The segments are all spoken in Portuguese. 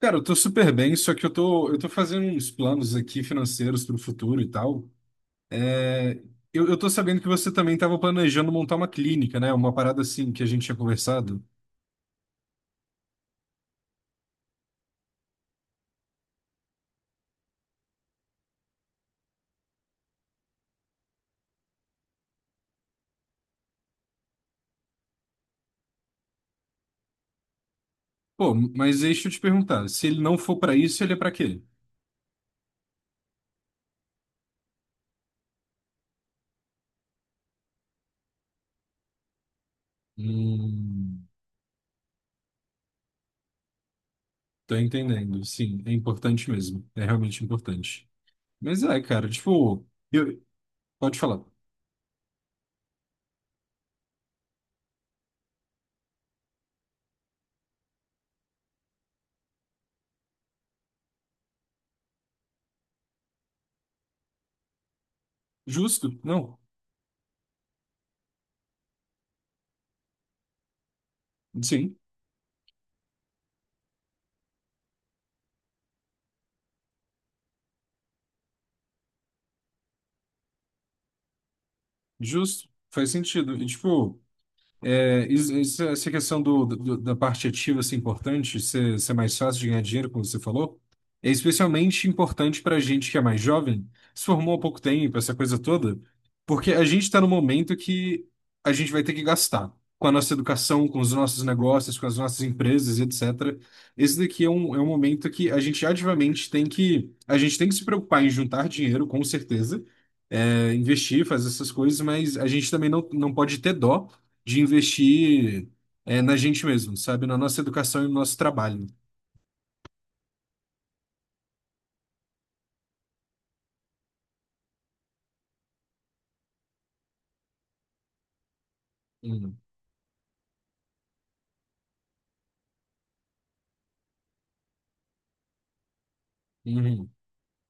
Cara, eu tô super bem, só que eu tô fazendo uns planos aqui financeiros para o futuro e tal. É, eu tô sabendo que você também estava planejando montar uma clínica, né? Uma parada assim que a gente tinha conversado. Pô, mas deixa eu te perguntar, se ele não for para isso, ele é para quê? Hum, Tô entendendo. Sim, é importante mesmo. É realmente importante. Mas é, cara, tipo, eu, pode falar. Justo? Não. Sim, justo. Faz sentido. E, tipo. É, essa questão da parte ativa ser importante, ser mais fácil de ganhar dinheiro, como você falou, é especialmente importante para a gente que é mais jovem, se formou há pouco tempo, essa coisa toda, porque a gente está no momento que a gente vai ter que gastar com a nossa educação, com os nossos negócios, com as nossas empresas, etc. Esse daqui é um momento que a gente ativamente tem que, a gente tem que se preocupar em juntar dinheiro, com certeza, é, investir, fazer essas coisas, mas a gente também não pode ter dó de investir, é, na gente mesmo, sabe? Na nossa educação e no nosso trabalho. Uhum. Uhum.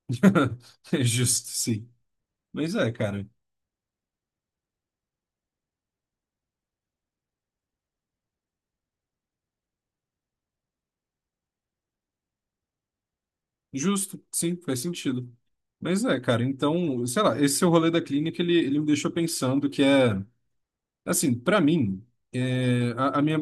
É justo, sim. Mas é, cara. Justo, sim, faz sentido. Mas é, cara, então, sei lá, esse seu rolê da clínica, ele me deixou pensando que é. Assim, para mim, é,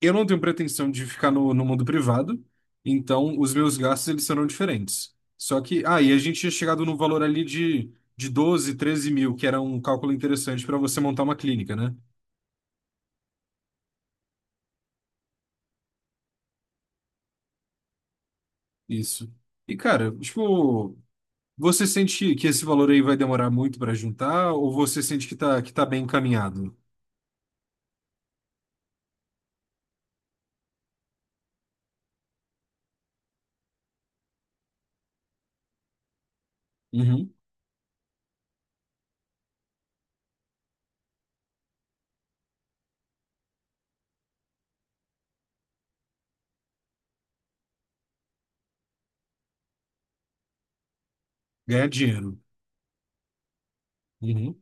eu não tenho pretensão de ficar no mundo privado, então os meus gastos eles serão diferentes. Só que, ah, e a gente tinha chegado num valor ali de 12 13 mil, que era um cálculo interessante para você montar uma clínica, né? Isso. E, cara, tipo, você sente que esse valor aí vai demorar muito para juntar, ou você sente que tá bem encaminhado? Uhum. Ganhar dinheiro. Uhum.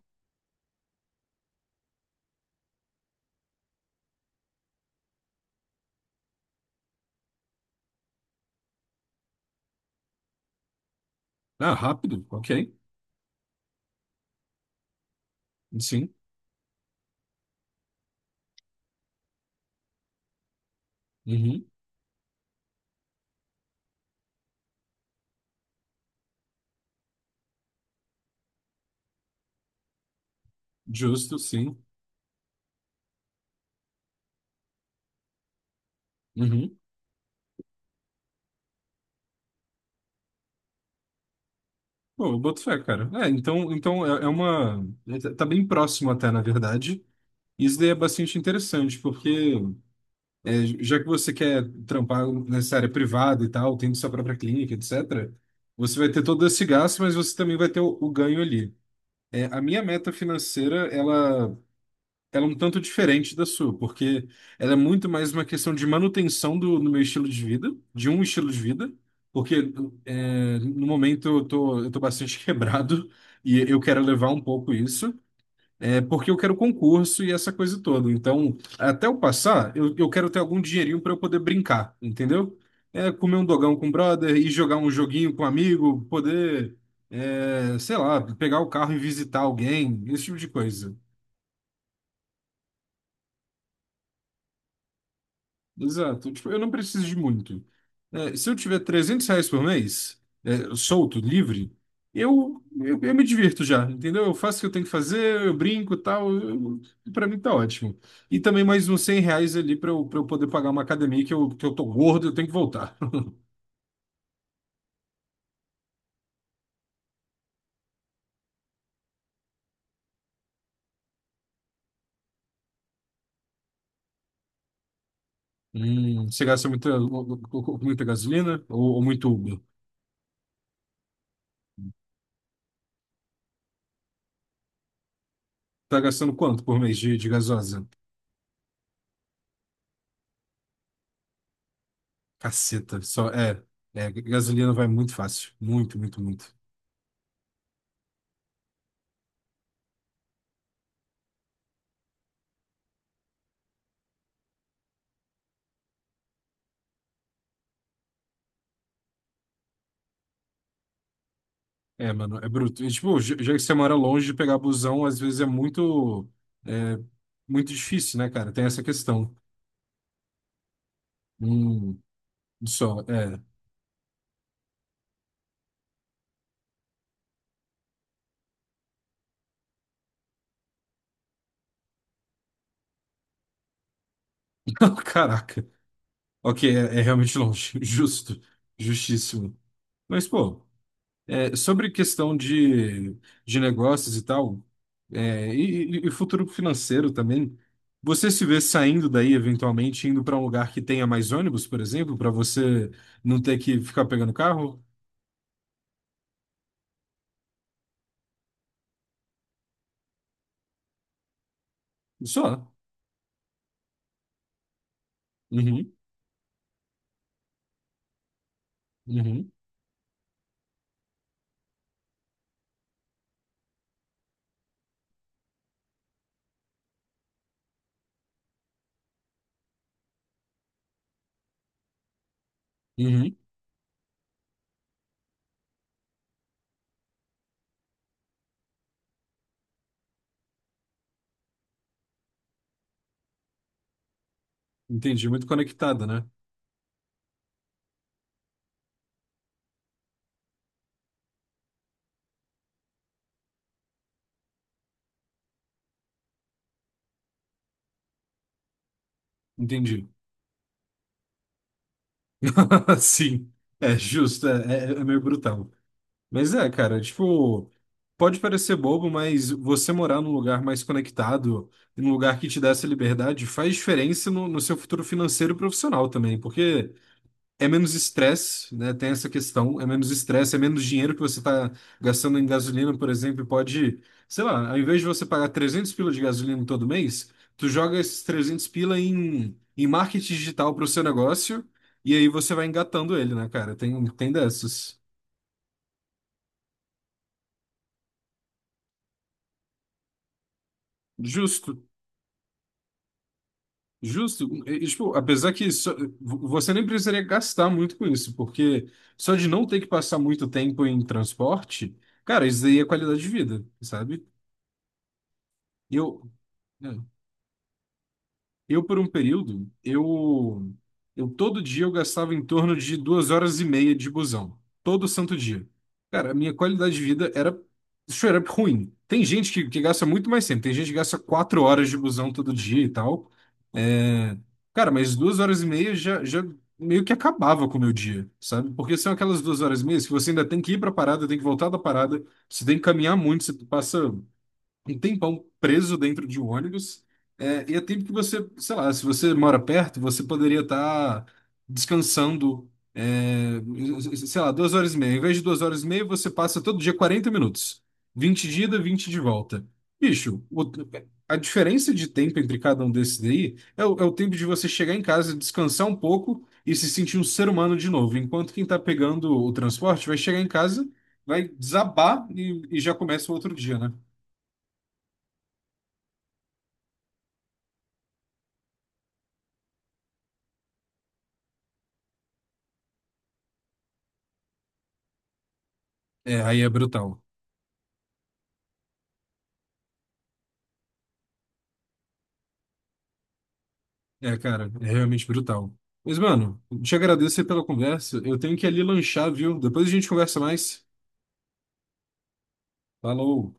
Ah, rápido, ok. Sim. Uhum. Justo, sim. Uhum. Pô, eu boto fé, cara. É, então é, é uma. É, tá bem próximo até, na verdade. Isso daí é bastante interessante, porque é, já que você quer trampar nessa área privada e tal, tendo sua própria clínica, etc., você vai ter todo esse gasto, mas você também vai ter o ganho ali. É, a minha meta financeira, ela é um tanto diferente da sua, porque ela é muito mais uma questão de manutenção do meu estilo de vida, de um estilo de vida, porque é, no momento eu tô bastante quebrado e eu quero levar um pouco isso, é, porque eu quero concurso e essa coisa toda. Então, até eu passar, eu quero ter algum dinheirinho para eu poder brincar, entendeu? É, comer um dogão com o brother e jogar um joguinho com um amigo, poder, é, sei lá, pegar o carro e visitar alguém, esse tipo de coisa. Exato. Tipo, eu não preciso de muito. É, se eu tiver R$ 300 por mês, é, solto, livre, eu me divirto já, entendeu? Eu faço o que eu tenho que fazer, eu brinco e tal. Eu- pra mim tá ótimo. E também mais uns R$ 100 ali pra eu poder pagar uma academia que eu tô gordo e eu tenho que voltar. Você gasta muita gasolina ou muito Uber? Tá gastando quanto por mês de gasosa? Caceta, só é, é, gasolina vai muito fácil, muito, muito, muito. É, mano, é bruto. E, tipo, já que você mora longe de pegar busão, às vezes é, muito difícil, né, cara? Tem essa questão. Hum, só, é. Não, caraca. Ok, é, é realmente longe. Justo. Justíssimo. Mas, pô, é, sobre questão de negócios e tal, é, e futuro financeiro também, você se vê saindo daí, eventualmente, indo para um lugar que tenha mais ônibus, por exemplo, para você não ter que ficar pegando carro? Só. Uhum. Uhum, uhum. Entendi, muito conectada, né? Entendi. Sim, é justo, é é meio brutal. Mas é, cara, tipo, pode parecer bobo, mas você morar num lugar mais conectado, num lugar que te dá essa liberdade, faz diferença no seu futuro financeiro e profissional também, porque é menos estresse, né? Tem essa questão, é menos estresse, é menos dinheiro que você está gastando em gasolina, por exemplo, e pode, sei lá, ao invés de você pagar 300 pila de gasolina todo mês, tu joga esses 300 pila em marketing digital para o seu negócio e aí você vai engatando ele, né, cara? Tem, tem dessas. Justo, justo. Tipo, apesar que só- vo- você nem precisaria gastar muito com isso, porque só de não ter que passar muito tempo em transporte, cara, isso daí é qualidade de vida, sabe? Eu, é, eu por um período, eu todo dia eu gastava em torno de 2 horas e meia de busão, todo santo dia. Cara, a minha qualidade de vida era straight up ruim. Tem gente que gasta muito mais tempo, tem gente que gasta 4 horas de busão todo dia e tal. É, cara, mas 2 horas e meia já meio que acabava com o meu dia, sabe? Porque são aquelas 2 horas e meia que você ainda tem que ir pra parada, tem que voltar da parada, você tem que caminhar muito, você passa um tempão preso dentro de um ônibus. É, e é tempo que você, sei lá, se você mora perto, você poderia estar descansando, é, sei lá, 2 horas e meia. Em vez de 2 horas e meia, você passa todo dia 40 minutos. 20 de ida, 20 de volta. Bicho, o- a diferença de tempo entre cada um desses daí é é o tempo de você chegar em casa, descansar um pouco e se sentir um ser humano de novo. Enquanto quem tá pegando o transporte vai chegar em casa, vai desabar e já começa o outro dia, né? É, aí é brutal. É, cara, é realmente brutal. Mas, mano, te agradeço aí pela conversa. Eu tenho que ir ali lanchar, viu? Depois a gente conversa mais. Falou!